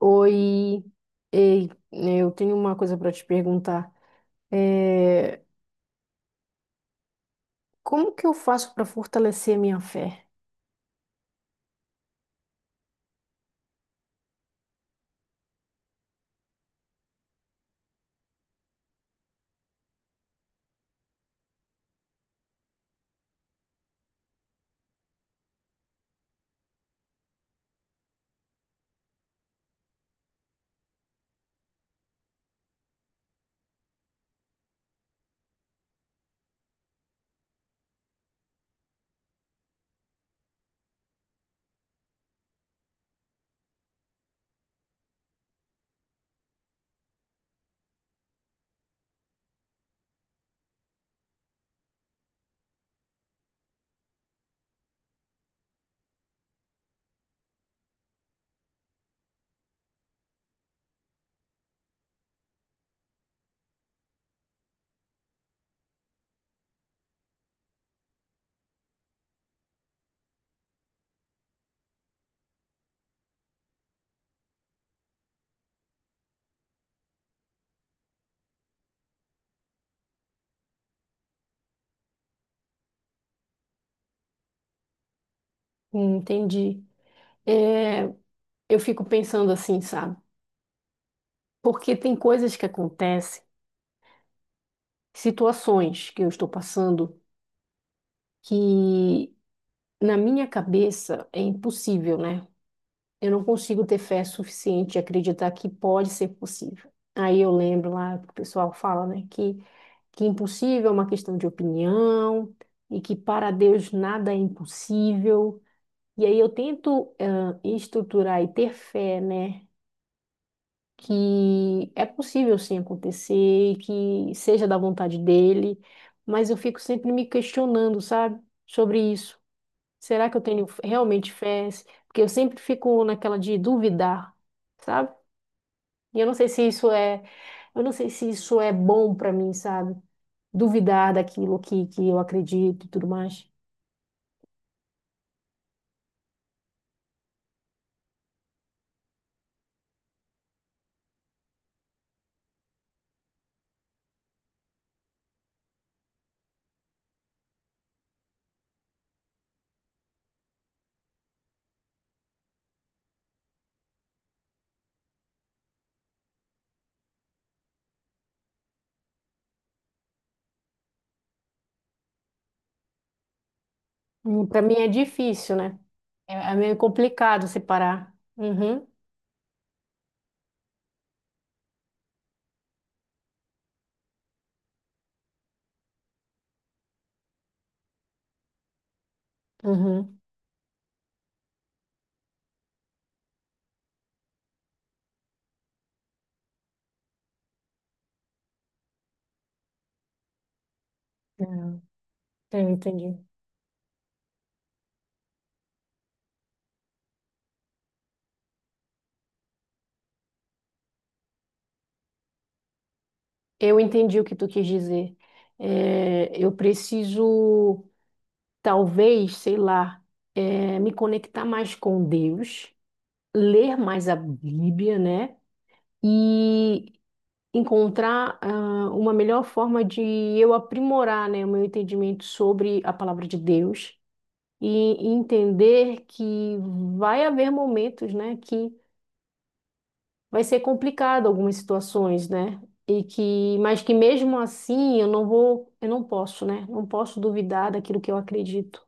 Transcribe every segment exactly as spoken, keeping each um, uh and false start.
Oi, ei, eu tenho uma coisa para te perguntar. É, Como que eu faço para fortalecer a minha fé? Entendi. É, eu fico pensando assim, sabe? Porque tem coisas que acontecem, situações que eu estou passando que na minha cabeça é impossível, né? Eu não consigo ter fé suficiente e acreditar que pode ser possível. Aí eu lembro lá que o pessoal fala, né, que que é impossível é uma questão de opinião e que para Deus nada é impossível. E aí eu tento ah, estruturar e ter fé, né, que é possível sim acontecer e que seja da vontade dele, mas eu fico sempre me questionando, sabe, sobre isso. Será que eu tenho realmente fé? Porque eu sempre fico naquela de duvidar, sabe? E eu não sei se isso é, eu não sei se isso é bom para mim, sabe? Duvidar daquilo que, que eu acredito e tudo mais. Para mim é difícil, né? É, é meio complicado separar. Uhum, uhum. Não, eu entendi. Eu entendi o que tu quis dizer. É, eu preciso, talvez, sei lá, é, me conectar mais com Deus, ler mais a Bíblia, né? E encontrar, ah, uma melhor forma de eu aprimorar, né, o meu entendimento sobre a palavra de Deus e entender que vai haver momentos, né, que vai ser complicado algumas situações, né? E que, mas que mesmo assim eu não vou, eu não posso, né? Não posso duvidar daquilo que eu acredito.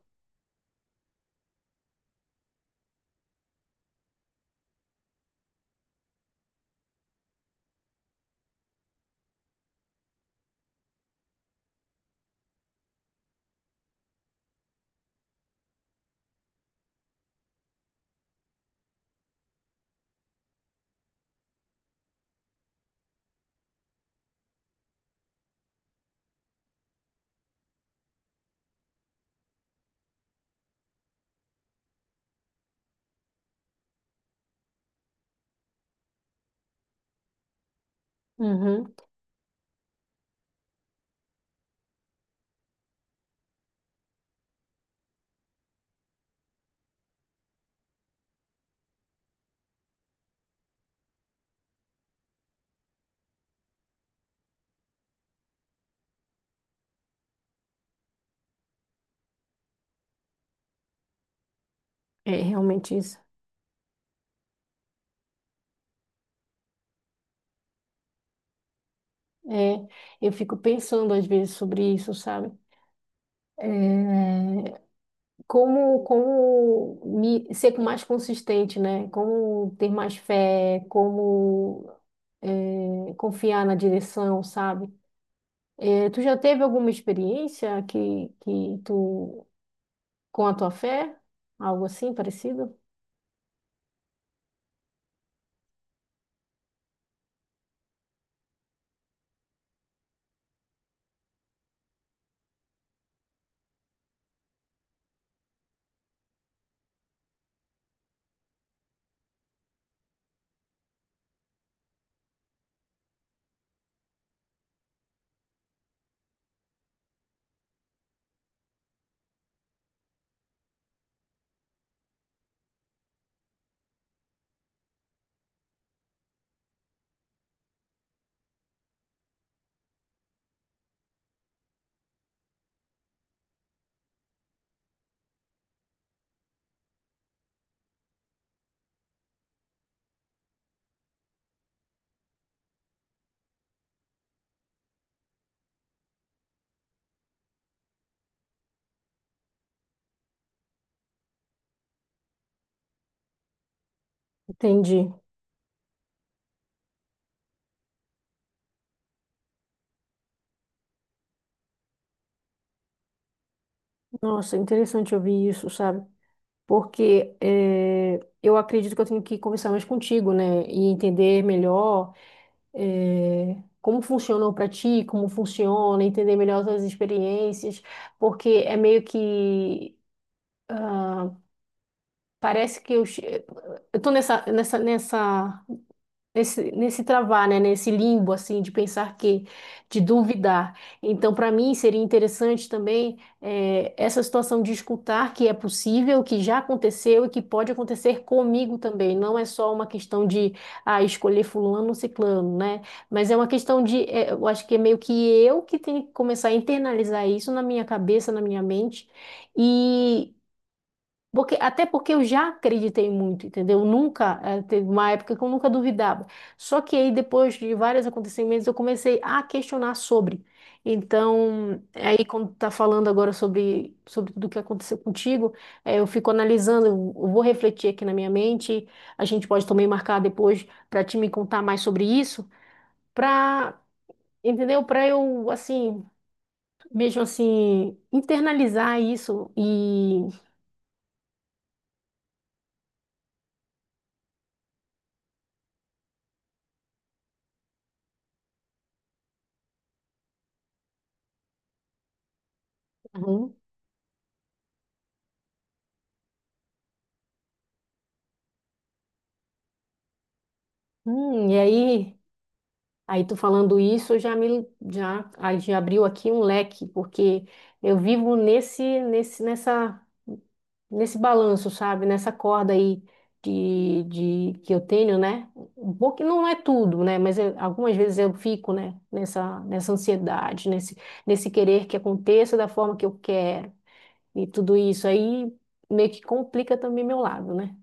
Uhum. É realmente isso. É, eu fico pensando às vezes sobre isso, sabe? É, como, como me, ser mais consistente, né? Como ter mais fé, como é, confiar na direção, sabe? Eh, Tu já teve alguma experiência que, que tu, com a tua fé? Algo assim parecido? Entendi. Nossa, interessante ouvir isso, sabe? Porque eh, eu acredito que eu tenho que conversar mais contigo, né? E entender melhor eh, como funcionou para ti, como funciona, entender melhor as tuas experiências, porque é meio que ah, parece que eu, che- eu tô nessa, nessa, nessa nesse, nesse travar, né? Nesse limbo, assim, de pensar que, de duvidar. Então, para mim, seria interessante também eh, essa situação de escutar que é possível, que já aconteceu e que pode acontecer comigo também. Não é só uma questão de ah, escolher fulano ou ciclano, né? Mas é uma questão de, eh, eu acho que é meio que eu que tenho que começar a internalizar isso na minha cabeça, na minha mente. Porque, até porque eu já acreditei muito, entendeu? Nunca, eh, teve uma época que eu nunca duvidava. Só que aí, depois de vários acontecimentos, eu comecei a questionar sobre. Então, aí, quando tá falando agora sobre, sobre tudo o que aconteceu contigo, eh, eu fico analisando, eu eu vou refletir aqui na minha mente. A gente pode também marcar depois para te me contar mais sobre isso, para, entendeu? Para eu, assim, mesmo assim, internalizar isso e. Uhum. Hum, e aí. Aí tu falando isso, já me já, aí já abriu aqui um leque, porque eu vivo nesse nesse nessa nesse balanço, sabe? Nessa corda aí de, de que eu tenho, né? Um pouco que não é tudo, né? Mas eu- algumas vezes eu fico, né? Nessa nessa ansiedade, nesse nesse querer que aconteça da forma que eu quero e tudo isso aí meio que complica também meu lado, né?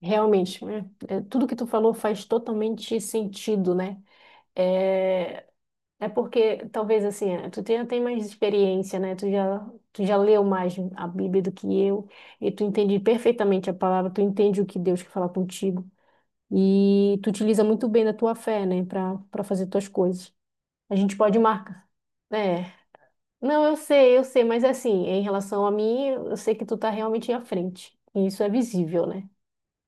Realmente, né? É, tudo que tu falou faz totalmente sentido, né? é É porque talvez assim, é, tu já tem mais experiência, né? Tu já, tu já leu mais a Bíblia do que eu, e tu entende perfeitamente a palavra, tu entende o que Deus quer falar contigo, e tu utiliza muito bem da tua fé, né, para para fazer tuas coisas. A gente pode marcar. É. Não, eu sei, eu sei, mas assim, em relação a mim, eu sei que tu tá realmente à frente. E isso é visível, né?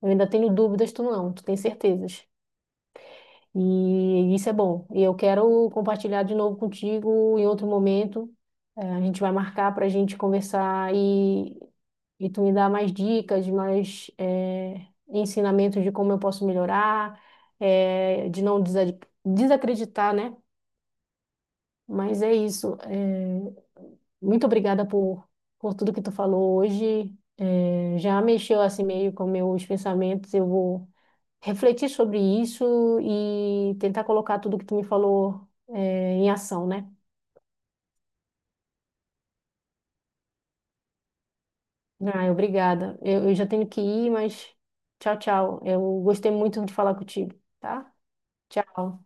Eu ainda tenho dúvidas, tu não, tu tem certezas. E isso é bom. E eu quero compartilhar de novo contigo em outro momento. Eh, a gente vai marcar para a gente conversar e, e tu me dar mais dicas, mais eh, ensinamentos de como eu posso melhorar, eh, de não desa- desacreditar, né? Mas é isso. Eh, muito obrigada por, por tudo que tu falou hoje. Eh, já mexeu assim meio com meus pensamentos. Eu vou refletir sobre isso e tentar colocar tudo que tu me falou, é, em ação, né? Ah, obrigada. Eu, eu já tenho que ir, mas tchau, tchau. Eu gostei muito de falar contigo, tá? Tchau.